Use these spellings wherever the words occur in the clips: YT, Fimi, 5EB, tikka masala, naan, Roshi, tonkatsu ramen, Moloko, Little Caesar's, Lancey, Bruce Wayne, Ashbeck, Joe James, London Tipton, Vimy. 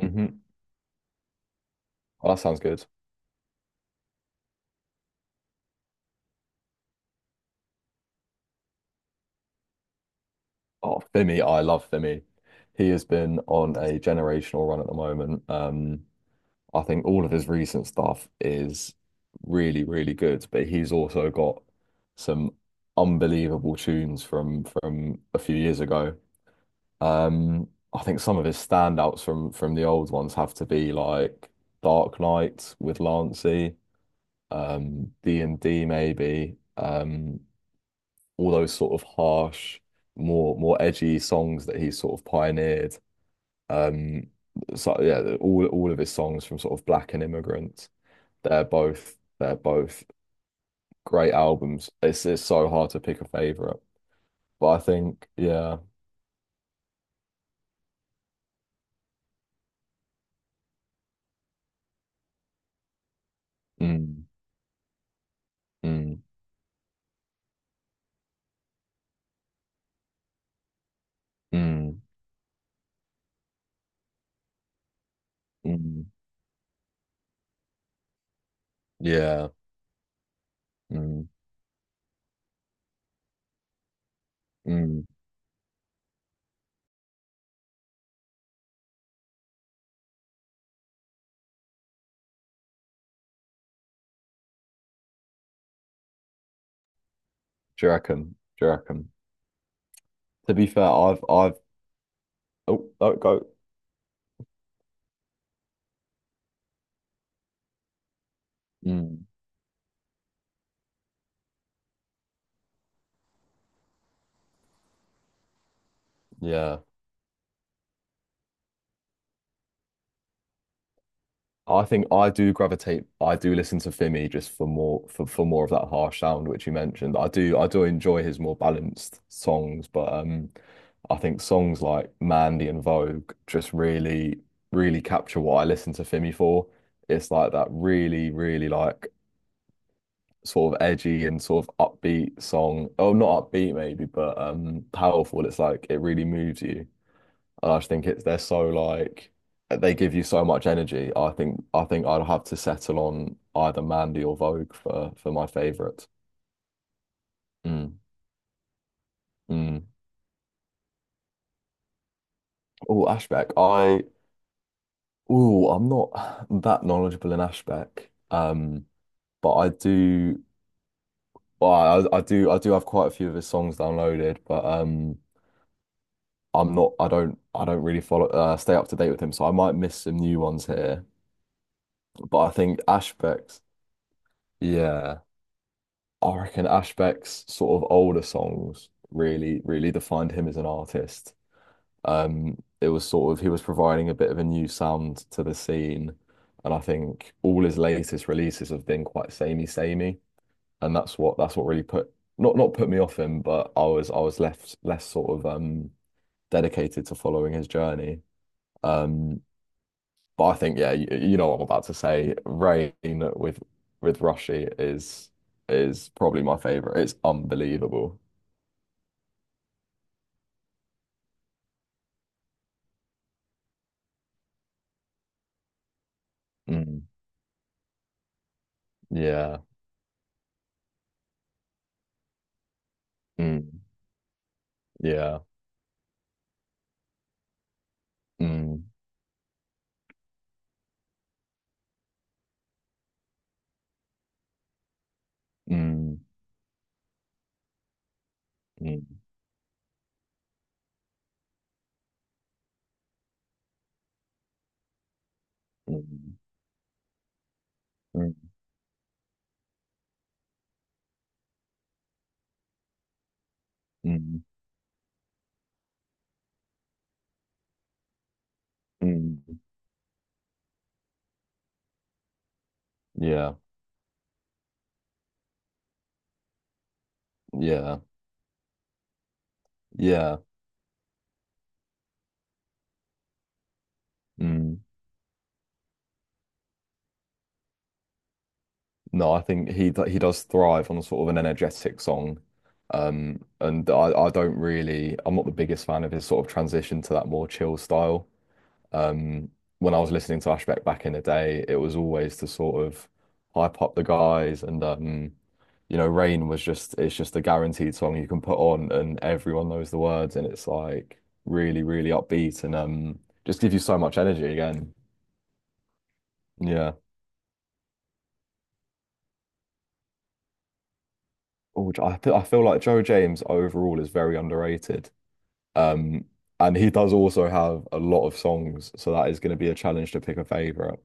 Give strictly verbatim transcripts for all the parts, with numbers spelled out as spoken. hmm Well, that sounds good. Oh, Vimy, I love Vimy. He has been on a generational run at the moment. Um, I think all of his recent stuff is really, really good, but he's also got some unbelievable tunes from from a few years ago. Um, I think some of his standouts from from the old ones have to be like Dark Knight with Lancey, um, D and D maybe. Um, all those sort of harsh, more more edgy songs that he sort of pioneered. Um, so yeah, all all of his songs from sort of Black and Immigrant, they're both they're both great albums. It's it's so hard to pick a favorite, but I think yeah. Mm, mm, mm, mm, yeah, mm, mm. Do you reckon? Do you reckon? To be fair, I've I've, oh, oh, go, mm, yeah. I think I do gravitate. I do listen to Fimi just for more for, for more of that harsh sound which you mentioned. I do I do enjoy his more balanced songs, but um, I think songs like Mandy and Vogue just really, really capture what I listen to Fimi for. It's like that really, really, like, sort of edgy and sort of upbeat song. Oh, not upbeat maybe, but um, powerful. It's like it really moves you. And I just think it's they're so like they give you so much energy. I think I think I'd have to settle on either Mandy or Vogue for for my favourite. Mm, mm. Oh, Ashbeck. I Oh, I'm not that knowledgeable in Ashbeck. Um, but I do, well, I, I do I do have quite a few of his songs downloaded, but um I'm not I don't I don't really follow, uh, stay up to date with him, so I might miss some new ones here. But I think Ashbeck's, yeah. I reckon Ashbeck's sort of older songs really, really defined him as an artist. Um, it was sort of, he was providing a bit of a new sound to the scene, and I think all his latest releases have been quite samey, samey, and that's what that's what really put not not put me off him, but I was I was left less sort of um dedicated to following his journey. Um, but I think, yeah, you, you know what I'm about to say. Rain with with Roshi is is probably my favorite. It's unbelievable. Mm, yeah. Mm, yeah. Mm, mm, mm, mm, mm, mm, mm. Yeah, yeah, yeah. Mm. No, I think he d- he does thrive on sort of an energetic song. Um, and I, I don't really, I'm not the biggest fan of his sort of transition to that more chill style. Um, when I was listening to Ashbeck back in the day, it was always to sort of hype up the guys and um, you know, Rain was just it's just a guaranteed song you can put on and everyone knows the words and it's like really, really upbeat and um just gives you so much energy again. Yeah. Oh, which I feel, I feel like Joe James overall is very underrated. Um, and he does also have a lot of songs, so that is going to be a challenge to pick a favorite.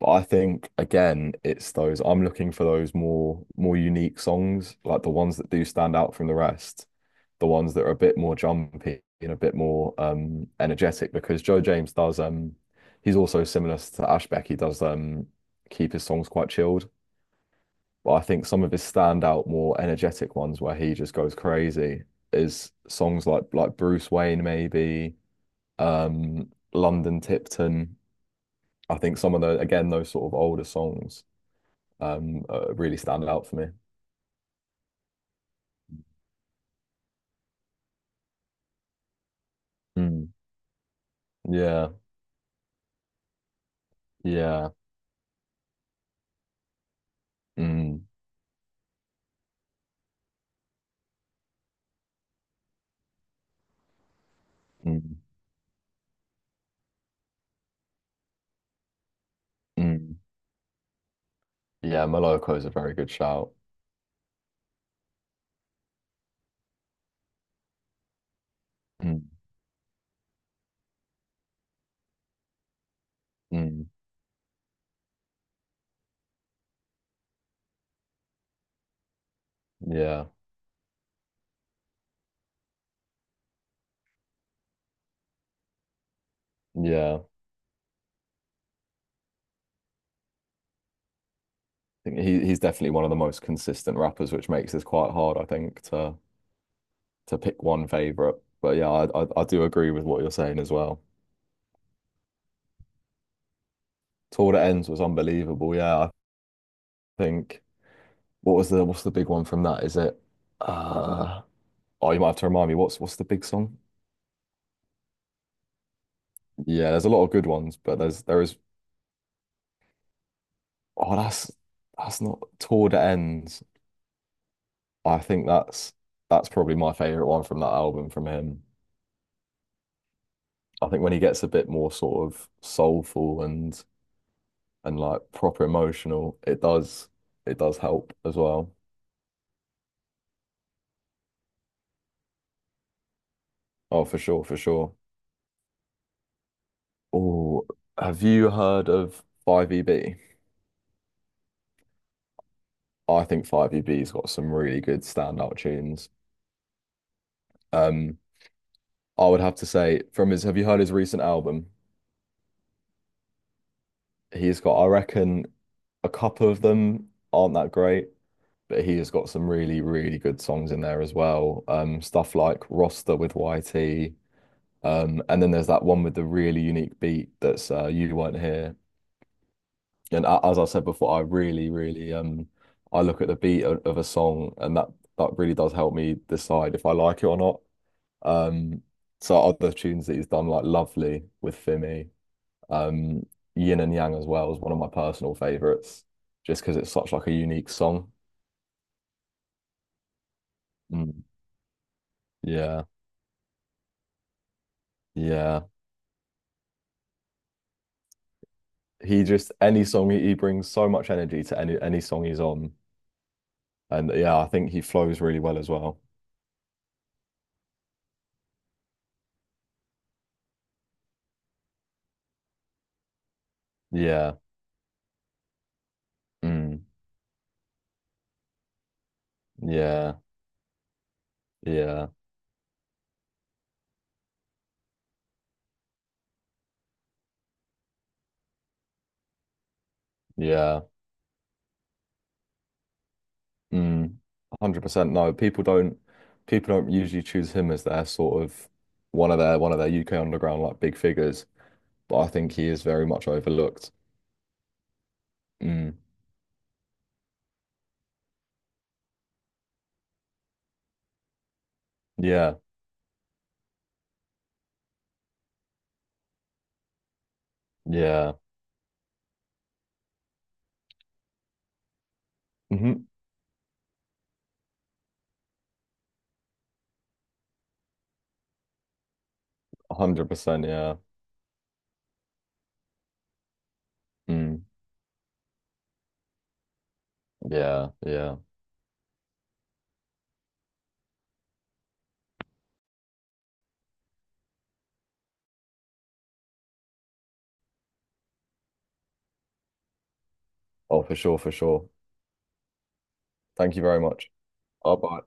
But I think again, it's those I'm looking for those more more unique songs, like the ones that do stand out from the rest, the ones that are a bit more jumpy and a bit more, um energetic, because Joe James does, um he's also similar to Ashbeck. He does, um keep his songs quite chilled. But I think some of his standout, more energetic ones where he just goes crazy is songs like like Bruce Wayne maybe, um London Tipton. I think some of the, again, those sort of older songs, um uh, really stand out for me. Mm, yeah, yeah. Mm, mm, mm. Yeah, Moloko is a very good shout. Mm, mm, yeah, yeah. I think he he's definitely one of the most consistent rappers, which makes this quite hard, I think, to to pick one favorite. But yeah, I I, I do agree with what you're saying as well. Tour That Ends was unbelievable. Yeah, I think what was the what's the big one from that? Is it uh Oh, you might have to remind me what's what's the big song. Yeah, there's a lot of good ones, but there's there is oh, that's that's not Toward the ends. I think that's that's probably my favorite one from that album from him. I think when he gets a bit more sort of soulful and and like proper emotional, it does it does help as well. Oh, for sure, for sure. Oh, have you heard of five E B? I think five E B's got some really good standout tunes. Um, I would have to say, from his, have you heard his recent album? He's got, I reckon, a couple of them aren't that great, but he has got some really, really good songs in there as well. Um, stuff like Roster with Y T. Um, and then there's that one with the really unique beat, that's, uh, You Weren't Here. And a- as I said before, I really, really, um, I look at the beat of, of a song, and that that really does help me decide if I like it or not. Um, so other tunes that he's done like Lovely with Fimi, um, Yin and Yang as well is one of my personal favorites, just because it's such, like, a unique song. Mm. Yeah, yeah. he just Any song he, he brings so much energy to any any song he's on. And yeah, I think he flows really well as well. Yeah. Mm. Yeah. Yeah. Yeah. Mm. a hundred percent, no. People don't people don't usually choose him as their sort of one of their one of their U K underground, like, big figures, but I think he is very much overlooked. Mm. Yeah. Yeah. Mm-hmm. a hundred percent, yeah. Mm. Yeah. Yeah. Oh, for sure, for sure. Thank you very much. Bye bye.